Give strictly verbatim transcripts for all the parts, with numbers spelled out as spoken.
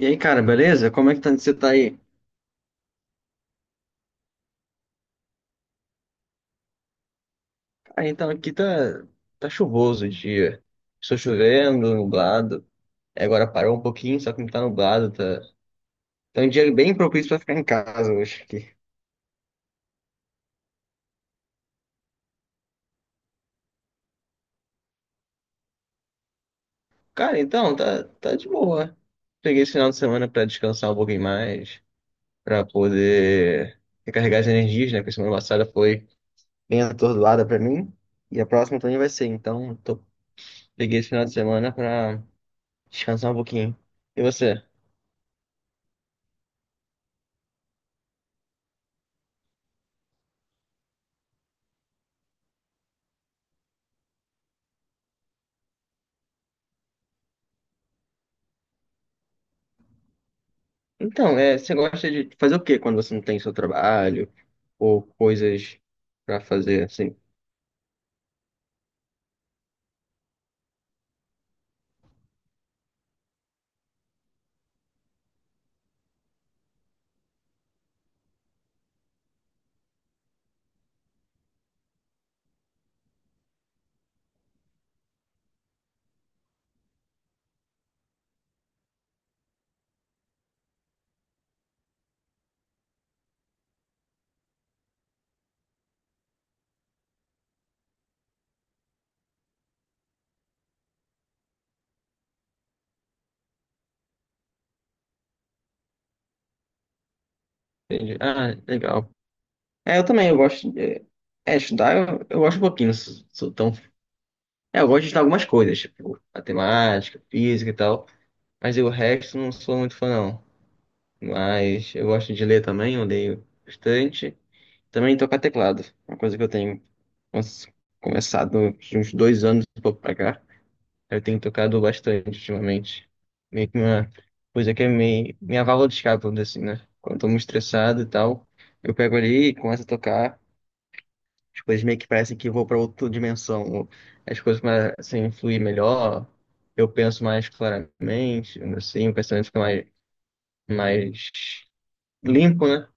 E aí, cara, beleza? Como é que tá, você tá aí? Cara, então aqui tá, tá chuvoso o dia. Estou chovendo, nublado. É, Agora parou um pouquinho, só que não tá nublado, tá. Tá um dia bem propício pra ficar em casa hoje aqui. Cara, então, tá, tá de boa. Peguei esse final de semana pra descansar um pouquinho mais, pra poder recarregar as energias, né? Porque semana passada foi bem atordoada pra mim. E a próxima também vai ser. Então, tô... peguei esse final de semana pra descansar um pouquinho. E você? Então, é, você gosta de fazer o quê quando você não tem seu trabalho ou coisas pra fazer assim? Entendi. Ah, legal. É, eu também, eu gosto de é, estudar, eu, eu gosto um pouquinho, não sou, sou tão. É, eu gosto de estudar algumas coisas, tipo matemática, física e tal, mas eu, o resto não sou muito fã, não. Mas eu gosto de ler também, eu leio bastante. Também tocar teclado, uma coisa que eu tenho nossa, começado de uns dois anos e pouco pra cá. Eu tenho tocado bastante ultimamente. Meio que uma coisa que é meio, minha válvula de escape, vamos dizer assim, né? Quando eu tô muito estressado e tal, eu pego ali e começo a tocar. As coisas meio que parecem que eu vou para outra dimensão. ou as coisas começam a fluir melhor. Eu penso mais claramente, assim, o pensamento fica mais, mais limpo, né?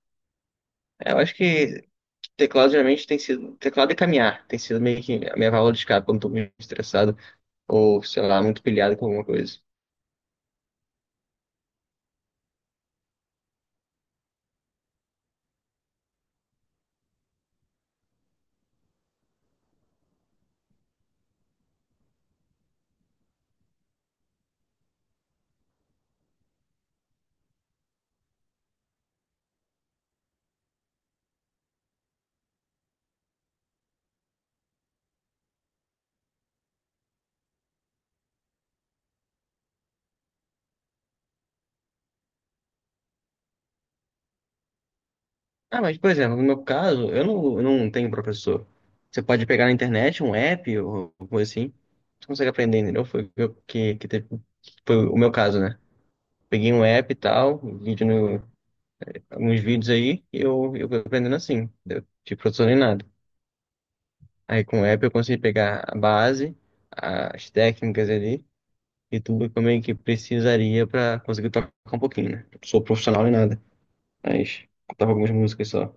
É, Eu acho que teclado geralmente tem sido. Teclado e caminhar tem sido meio que a minha válvula de escape quando eu tô muito estressado ou, sei lá, muito pilhado com alguma coisa. Ah, mas, por exemplo, no meu caso, eu não, eu não tenho professor. Você pode pegar na internet um app ou coisa assim. Você consegue aprender, entendeu? Foi o que, eu- que, que teve- Que foi o meu caso, né? Peguei um app e tal, um vídeo no, alguns vídeos aí, e eu, eu fui aprendendo assim, entendeu? Não tive professor nem nada. Aí com o app eu consegui pegar a base, as técnicas ali, e tudo como é que precisaria pra conseguir tocar um pouquinho, né? Não sou profissional nem nada, mas tocava algumas músicas só.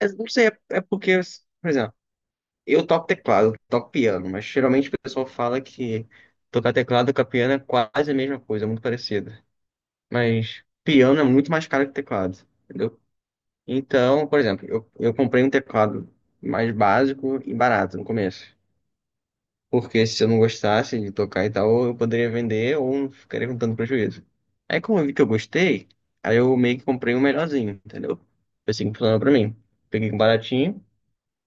Mas não sei, é é porque, por exemplo, eu toco teclado, eu toco piano, mas geralmente o pessoal fala que tocar teclado com piano é quase a mesma coisa, é muito parecido. Mas piano é muito mais caro que teclado, entendeu? Então, por exemplo, eu, eu comprei um teclado mais básico e barato no começo. Porque se eu não gostasse de tocar e tal, eu poderia vender ou não ficaria com tanto prejuízo. Aí como eu vi que eu gostei, aí eu meio que comprei um melhorzinho, entendeu? Foi assim que funcionou pra mim. Peguei um baratinho,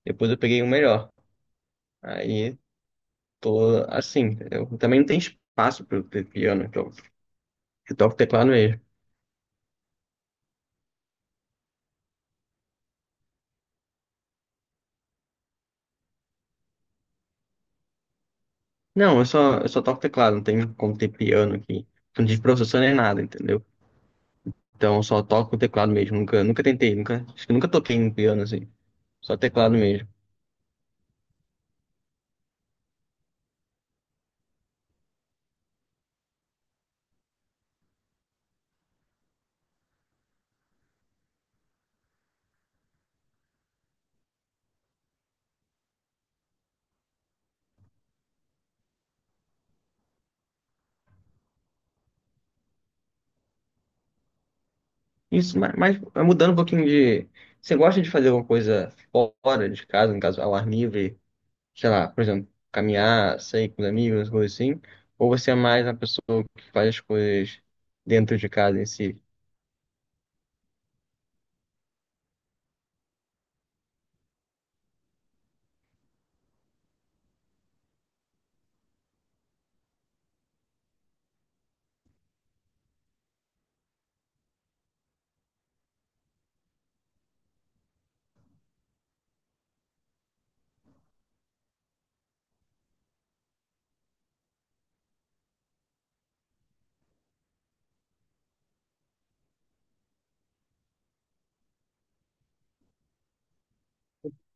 depois eu peguei um melhor. Aí Tô, assim, eu também não tem espaço para eu ter piano, então eu toco teclado mesmo. Não, eu só, eu só toco teclado, não tem como ter piano aqui. Não tive professor nem nada, entendeu? Então eu só toco teclado mesmo, nunca, nunca tentei, nunca, acho que nunca toquei em piano assim, só teclado mesmo. Isso, mas, mas mudando um pouquinho de. Você gosta de fazer alguma coisa fora de casa, no caso, ao ar livre, sei lá, por exemplo, caminhar, sair com os amigos, coisas assim? Ou você é mais uma pessoa que faz as coisas dentro de casa em si?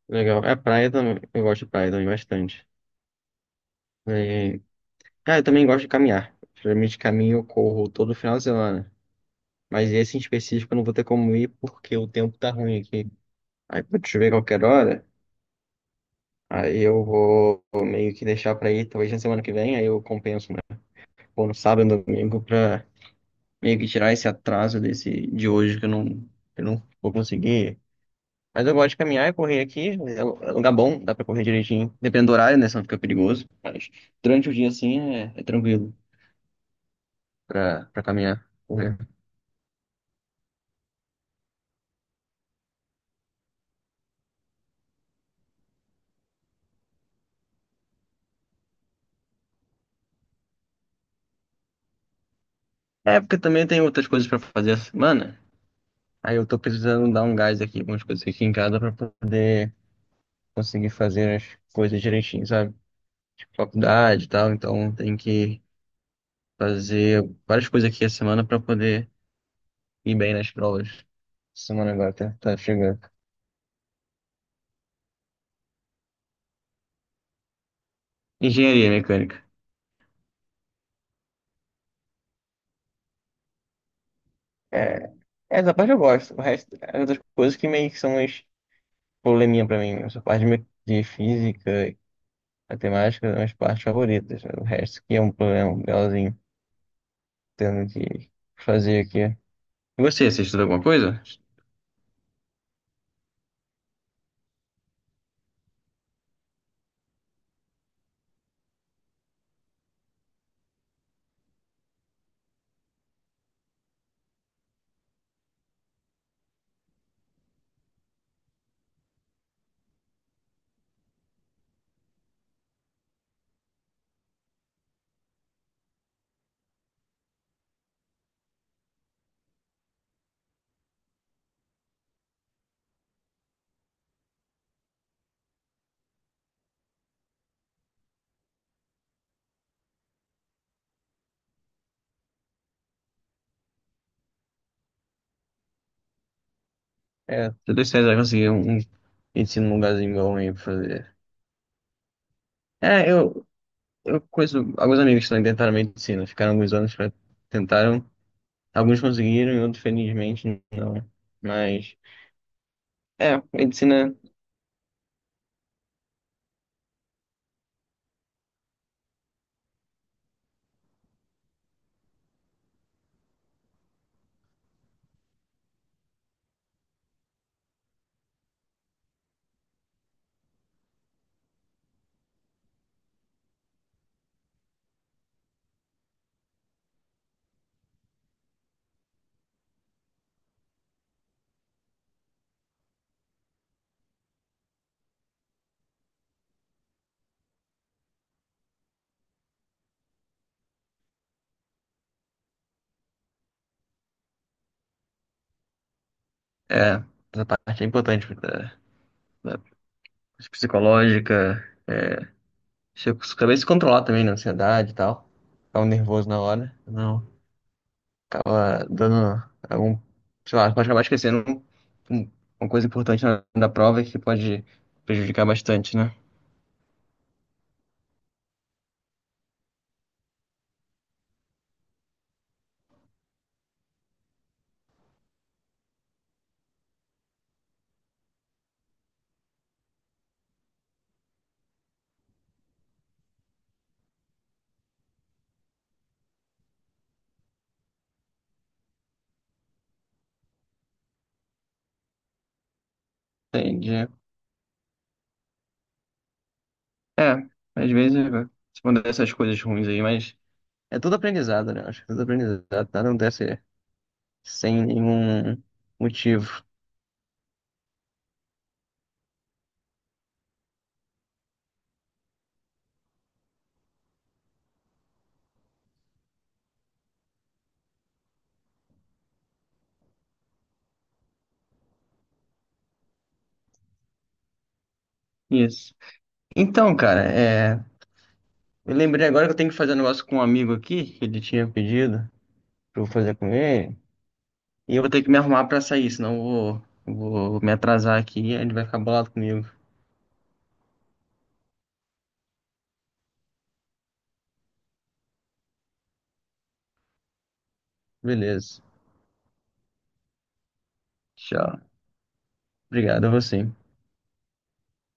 Legal. É praia também. Eu gosto de praia também bastante. É, cara, eu também gosto de caminhar. Geralmente caminho, eu corro todo final de semana. Mas esse em específico eu não vou ter como ir porque o tempo tá ruim aqui. Aí pode chover qualquer hora. Aí eu vou vou meio que deixar pra ir talvez na semana que vem. Aí eu compenso, né? Ou no sábado, no domingo, pra meio que tirar esse atraso desse de hoje que eu não, que eu não vou conseguir. Mas eu gosto de caminhar e correr aqui. É lu- é lugar bom, dá pra correr direitinho. Dependendo do horário, né? Senão fica perigoso. Mas durante o dia, assim, é, é tranquilo pra, pra caminhar, correr. É, porque também tem outras coisas pra fazer essa semana. Aí eu tô precisando dar um gás aqui, algumas coisas aqui em casa pra poder conseguir fazer as coisas direitinho, sabe? Faculdade e tal. Então tem que fazer várias coisas aqui a semana pra poder ir bem nas provas. Semana agora tá, tá chegando. Engenharia mecânica. É, essa parte eu gosto. O resto, as outras coisas que meio que são mais probleminha pra mim. Essa parte de me- De física e matemática são as partes favoritas. O resto que é um problema legalzinho, tendo que fazer aqui. E você, você estuda alguma coisa? É, tô dois anos, já consegui um um ensino num lugarzinho bom aí pra fazer. É, eu, eu conheço alguns amigos que também tentaram medicina, ficaram alguns anos pra tentaram. Alguns conseguiram e outros, felizmente, não. Mas, é, medicina. É, essa parte é importante, da, da psicológica. É, se eu acabei se controlar também na ansiedade e tal. Ficava nervoso na hora. Não, acaba dando algum. Sei lá, pode acabar esquecendo um- um- uma coisa importante na, da prova que pode prejudicar bastante, né? Entendi. É, às vezes é, se mandar essas coisas ruins aí, mas é tudo aprendizado, né? Acho que tudo aprendizado. Nada acontece sem nenhum motivo. Isso. Então, cara, é. Eu lembrei agora que eu tenho que fazer um negócio com um amigo aqui, que ele tinha pedido pra eu fazer com ele. E eu vou ter que me arrumar pra sair, senão eu vou, eu vou me atrasar aqui e ele vai ficar bolado comigo. Beleza. Tchau. Obrigado a você.